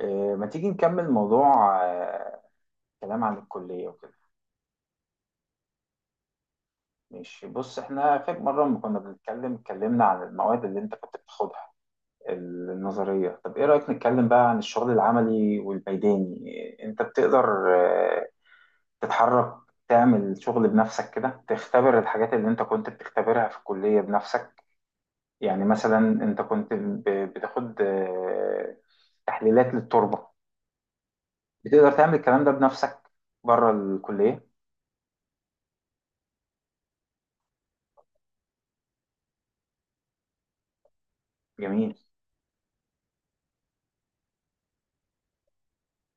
ما تيجي نكمل موضوع كلام عن الكلية وكده. ماشي، بص، احنا فاكر مرة لما كنا اتكلمنا عن المواد اللي انت كنت بتاخدها النظرية. طب ايه رأيك نتكلم بقى عن الشغل العملي والميداني؟ انت بتقدر تتحرك، تعمل شغل بنفسك كده، تختبر الحاجات اللي انت كنت بتختبرها في الكلية بنفسك؟ يعني مثلا، انت كنت بتاخد تحليلات للتربة، بتقدر تعمل الكلام ده بنفسك بره الكلية؟ جميل.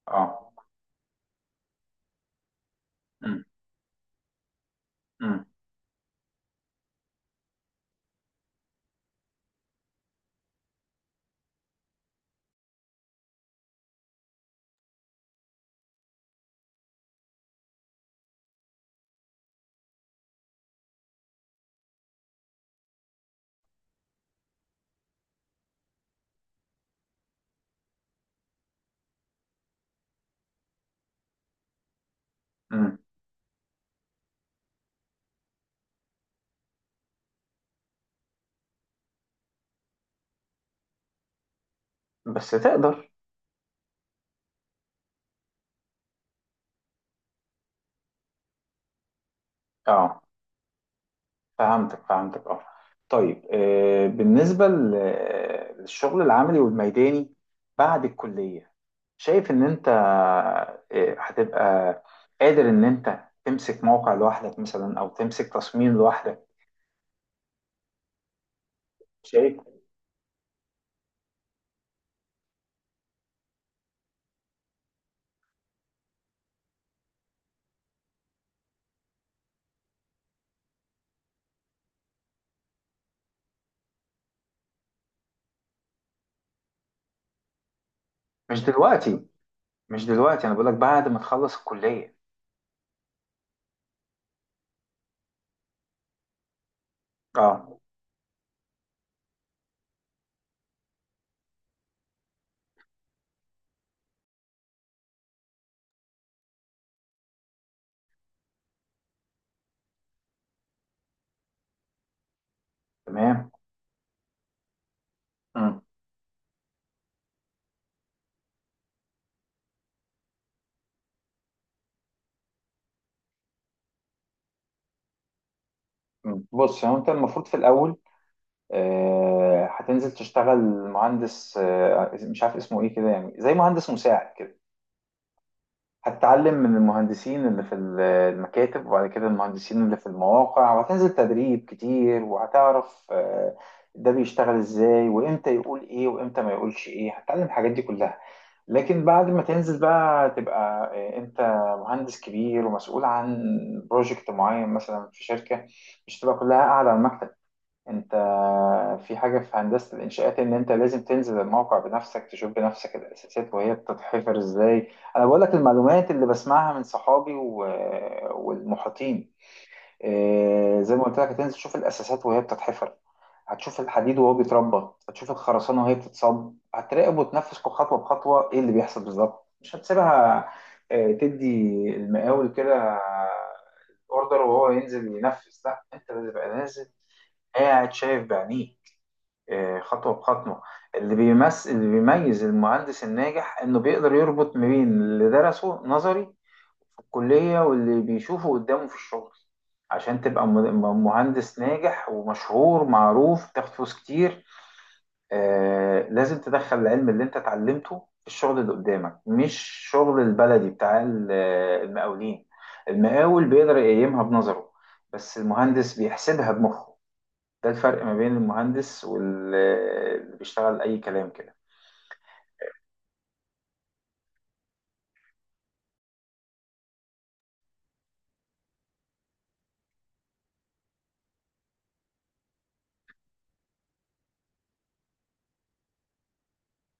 اه. امم امم امم بس تقدر. اه، فهمتك فهمتك، اه. طيب، بالنسبة للشغل العملي والميداني بعد الكلية، شايف ان انت هتبقى قادر ان انت تمسك موقع لوحدك مثلا او تمسك تصميم لوحدك؟ شايف؟ مش دلوقتي، مش دلوقتي انا بقولك بعد ما تخلص الكلية. اه، تمام. امم بص، هو انت المفروض في الاول هتنزل تشتغل مهندس، مش عارف اسمه ايه كده، يعني زي مهندس مساعد كده. هتتعلم من المهندسين اللي في المكاتب، وبعد كده المهندسين اللي في المواقع، وهتنزل تدريب كتير، وهتعرف ده بيشتغل ازاي، وامتى يقول ايه وامتى ما يقولش ايه. هتتعلم الحاجات دي كلها. لكن بعد ما تنزل بقى تبقى انت مهندس كبير ومسؤول عن بروجكت معين مثلا في شركة، مش تبقى كلها قاعدة على المكتب. انت، في حاجة في هندسة الإنشاءات إن أنت لازم تنزل الموقع بنفسك، تشوف بنفسك الأساسات وهي بتتحفر إزاي. أنا بقول لك المعلومات اللي بسمعها من صحابي والمحيطين. إيه، زي ما قلت لك، هتنزل تشوف الأساسات وهي بتتحفر، هتشوف الحديد وهو بيتربى، هتشوف الخرسانة وهي بتتصب، هتراقب وتنفذ كل خطوة بخطوة إيه اللي بيحصل بالظبط، مش هتسيبها. إيه، تدي المقاول كده اوردر وهو ينزل ينفذ؟ لا، انت لازم تبقى نازل قاعد شايف بعينيه خطوة بخطوة. اللي بيميز المهندس الناجح إنه بيقدر يربط ما بين اللي درسه نظري في الكلية واللي بيشوفه قدامه في الشغل. عشان تبقى مهندس ناجح ومشهور معروف، تاخد فلوس كتير، لازم تدخل العلم اللي انت اتعلمته في الشغل اللي قدامك، مش شغل البلدي بتاع المقاولين. المقاول بيقدر يقيمها بنظره، بس المهندس بيحسبها بمخه. ده الفرق ما بين المهندس واللي بيشتغل أي كلام كده.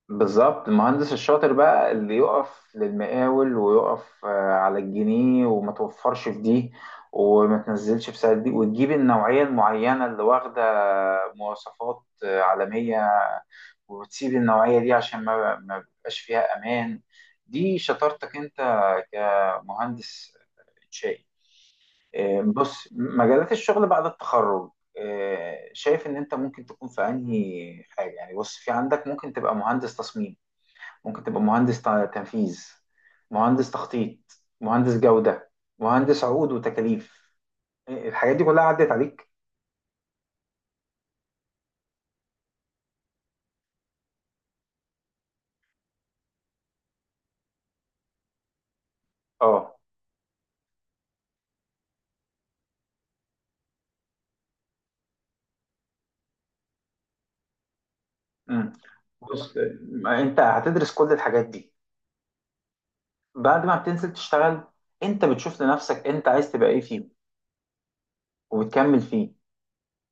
بالظبط، المهندس الشاطر بقى اللي يقف للمقاول ويقف على الجنيه، وما توفرش في دي، وما تنزلش في سعر دي، وتجيب النوعية المعينة اللي واخدة مواصفات عالمية، وتسيب النوعية دي عشان ما بيبقاش فيها أمان. دي شطارتك أنت كمهندس إنشائي. بص، مجالات الشغل بعد التخرج، شايف ان انت ممكن تكون في انهي حاجه؟ يعني بص، في عندك، ممكن تبقى مهندس تصميم، ممكن تبقى مهندس تنفيذ، مهندس تخطيط، مهندس جوده، مهندس عقود وتكاليف. الحاجات دي كلها عدت عليك؟ اه. مم. بص، ما انت هتدرس كل الحاجات دي بعد ما بتنزل تشتغل، انت بتشوف لنفسك انت عايز تبقى ايه فيه وبتكمل فيه.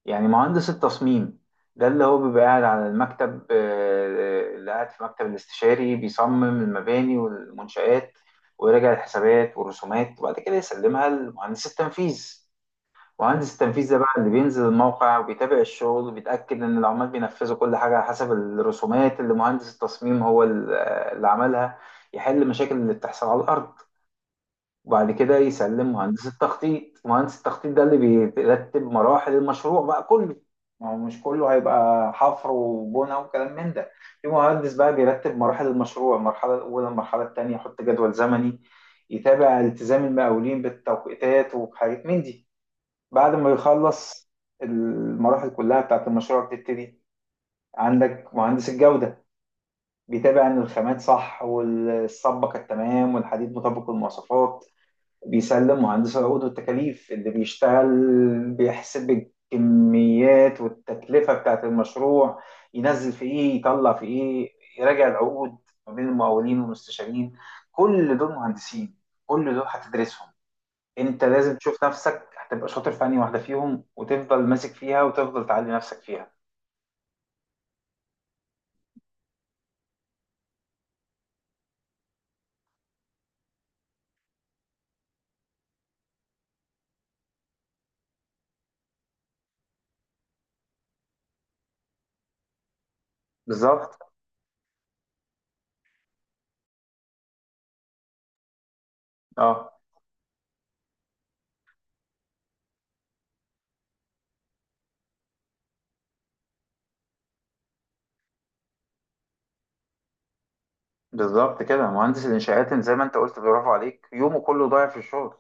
يعني مهندس التصميم ده اللي هو بيبقى قاعد على المكتب، اللي قاعد في مكتب الاستشاري بيصمم المباني والمنشآت، ويراجع الحسابات والرسومات، وبعد كده يسلمها لمهندس التنفيذ. مهندس التنفيذ ده بقى اللي بينزل الموقع وبيتابع الشغل، وبيتأكد إن العمال بينفذوا كل حاجة على حسب الرسومات اللي مهندس التصميم هو اللي عملها. يحل المشاكل اللي بتحصل على الأرض، وبعد كده يسلم مهندس التخطيط. مهندس التخطيط ده اللي بيرتب مراحل المشروع بقى كله. ما هو مش كله هيبقى حفر وبنى وكلام من ده، في مهندس بقى بيرتب مراحل المشروع، المرحلة الأولى، المرحلة التانية، يحط جدول زمني، يتابع التزام المقاولين بالتوقيتات وحاجات من دي. بعد ما يخلص المراحل كلها بتاعت المشروع بتبتدي عندك مهندس الجودة، بيتابع إن الخامات صح والصبة كانت تمام والحديد مطابق للمواصفات. بيسلم مهندس العقود والتكاليف اللي بيشتغل، بيحسب الكميات والتكلفة بتاعت المشروع، ينزل في إيه يطلع في إيه، يراجع العقود ما بين المقاولين والمستشارين. كل دول مهندسين، كل دول هتدرسهم. أنت لازم تشوف نفسك هتبقى شاطر في أنهي واحدة فيهم، وتفضل ماسك فيها وتفضل تعلي نفسك فيها. بالظبط. اه. بالظبط كده، مهندس الإنشاءات زي ما أنت قلت، برافو عليك، يومه كله ضايع في الشغل.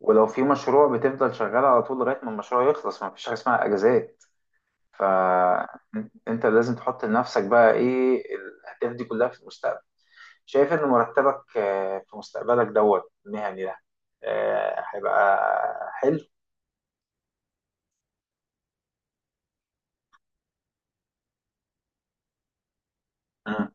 ولو في مشروع، بتفضل شغال على طول لغاية ما المشروع يخلص، ما فيش حاجة اسمها أجازات. فأنت لازم تحط لنفسك بقى إيه الأهداف دي كلها في المستقبل. شايف إن مرتبك في مستقبلك دوت المهني ده هيبقى حلو؟ مم،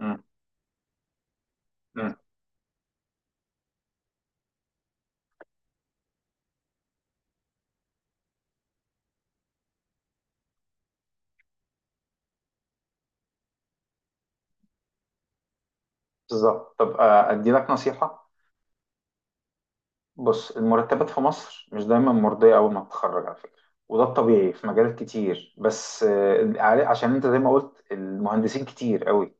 مم، مم. بالظبط. طب أدي لك نصيحة. بص، المرتبات في مصر مش دايما مرضية أول ما تتخرج، على فكرة، وده الطبيعي في مجالات كتير، بس عشان انت زي ما قلت المهندسين كتير قوي.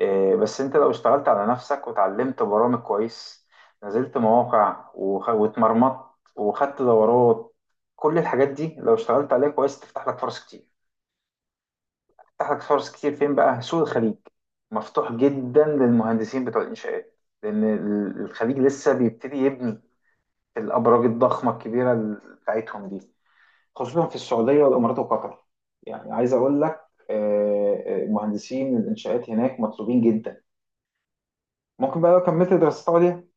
إيه، بس انت لو اشتغلت على نفسك، وتعلمت برامج كويس، نزلت مواقع واتمرمطت، وخدت دورات، كل الحاجات دي لو اشتغلت عليها كويس تفتح لك فرص كتير. تفتح لك فرص كتير فين بقى؟ سوق الخليج مفتوح جدا للمهندسين بتوع الانشاءات، لان الخليج لسه بيبتدي يبني في الابراج الضخمه الكبيره بتاعتهم دي، خصوصا في السعوديه والامارات وقطر. يعني عايز اقول لك مهندسين الانشاءات هناك مطلوبين جدا. ممكن بقى لو كملت دراسات عليا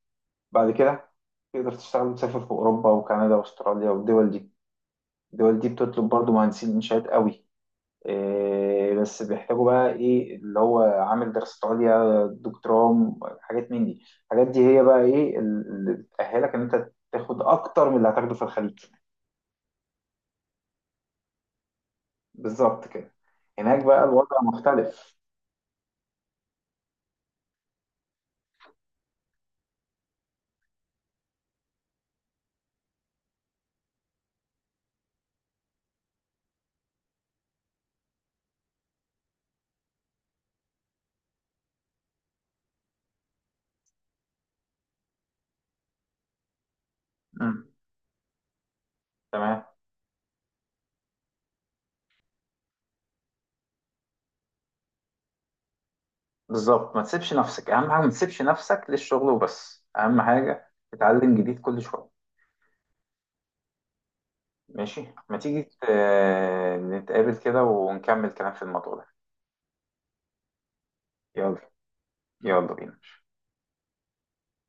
بعد كده تقدر تشتغل وتسافر في أوروبا وكندا وأستراليا والدول دي. الدول دي بتطلب برضو مهندسين إنشاءات قوي. إيه، بس بيحتاجوا بقى إيه اللي هو عامل دراسة عليا، دكتوراه، حاجات من دي. الحاجات دي هي بقى إيه اللي بتأهلك إن أنت تاخد أكتر من اللي هتاخده في الخليج. بالظبط كده. هناك بقى الوضع مختلف. مم. تمام. بالظبط، ما تسيبش نفسك، أهم حاجة ما تسيبش نفسك للشغل وبس، أهم حاجة تتعلم جديد كل شوية. ماشي، ما تيجي نتقابل كده ونكمل كلام في الموضوع ده. يلا، يلا بينا.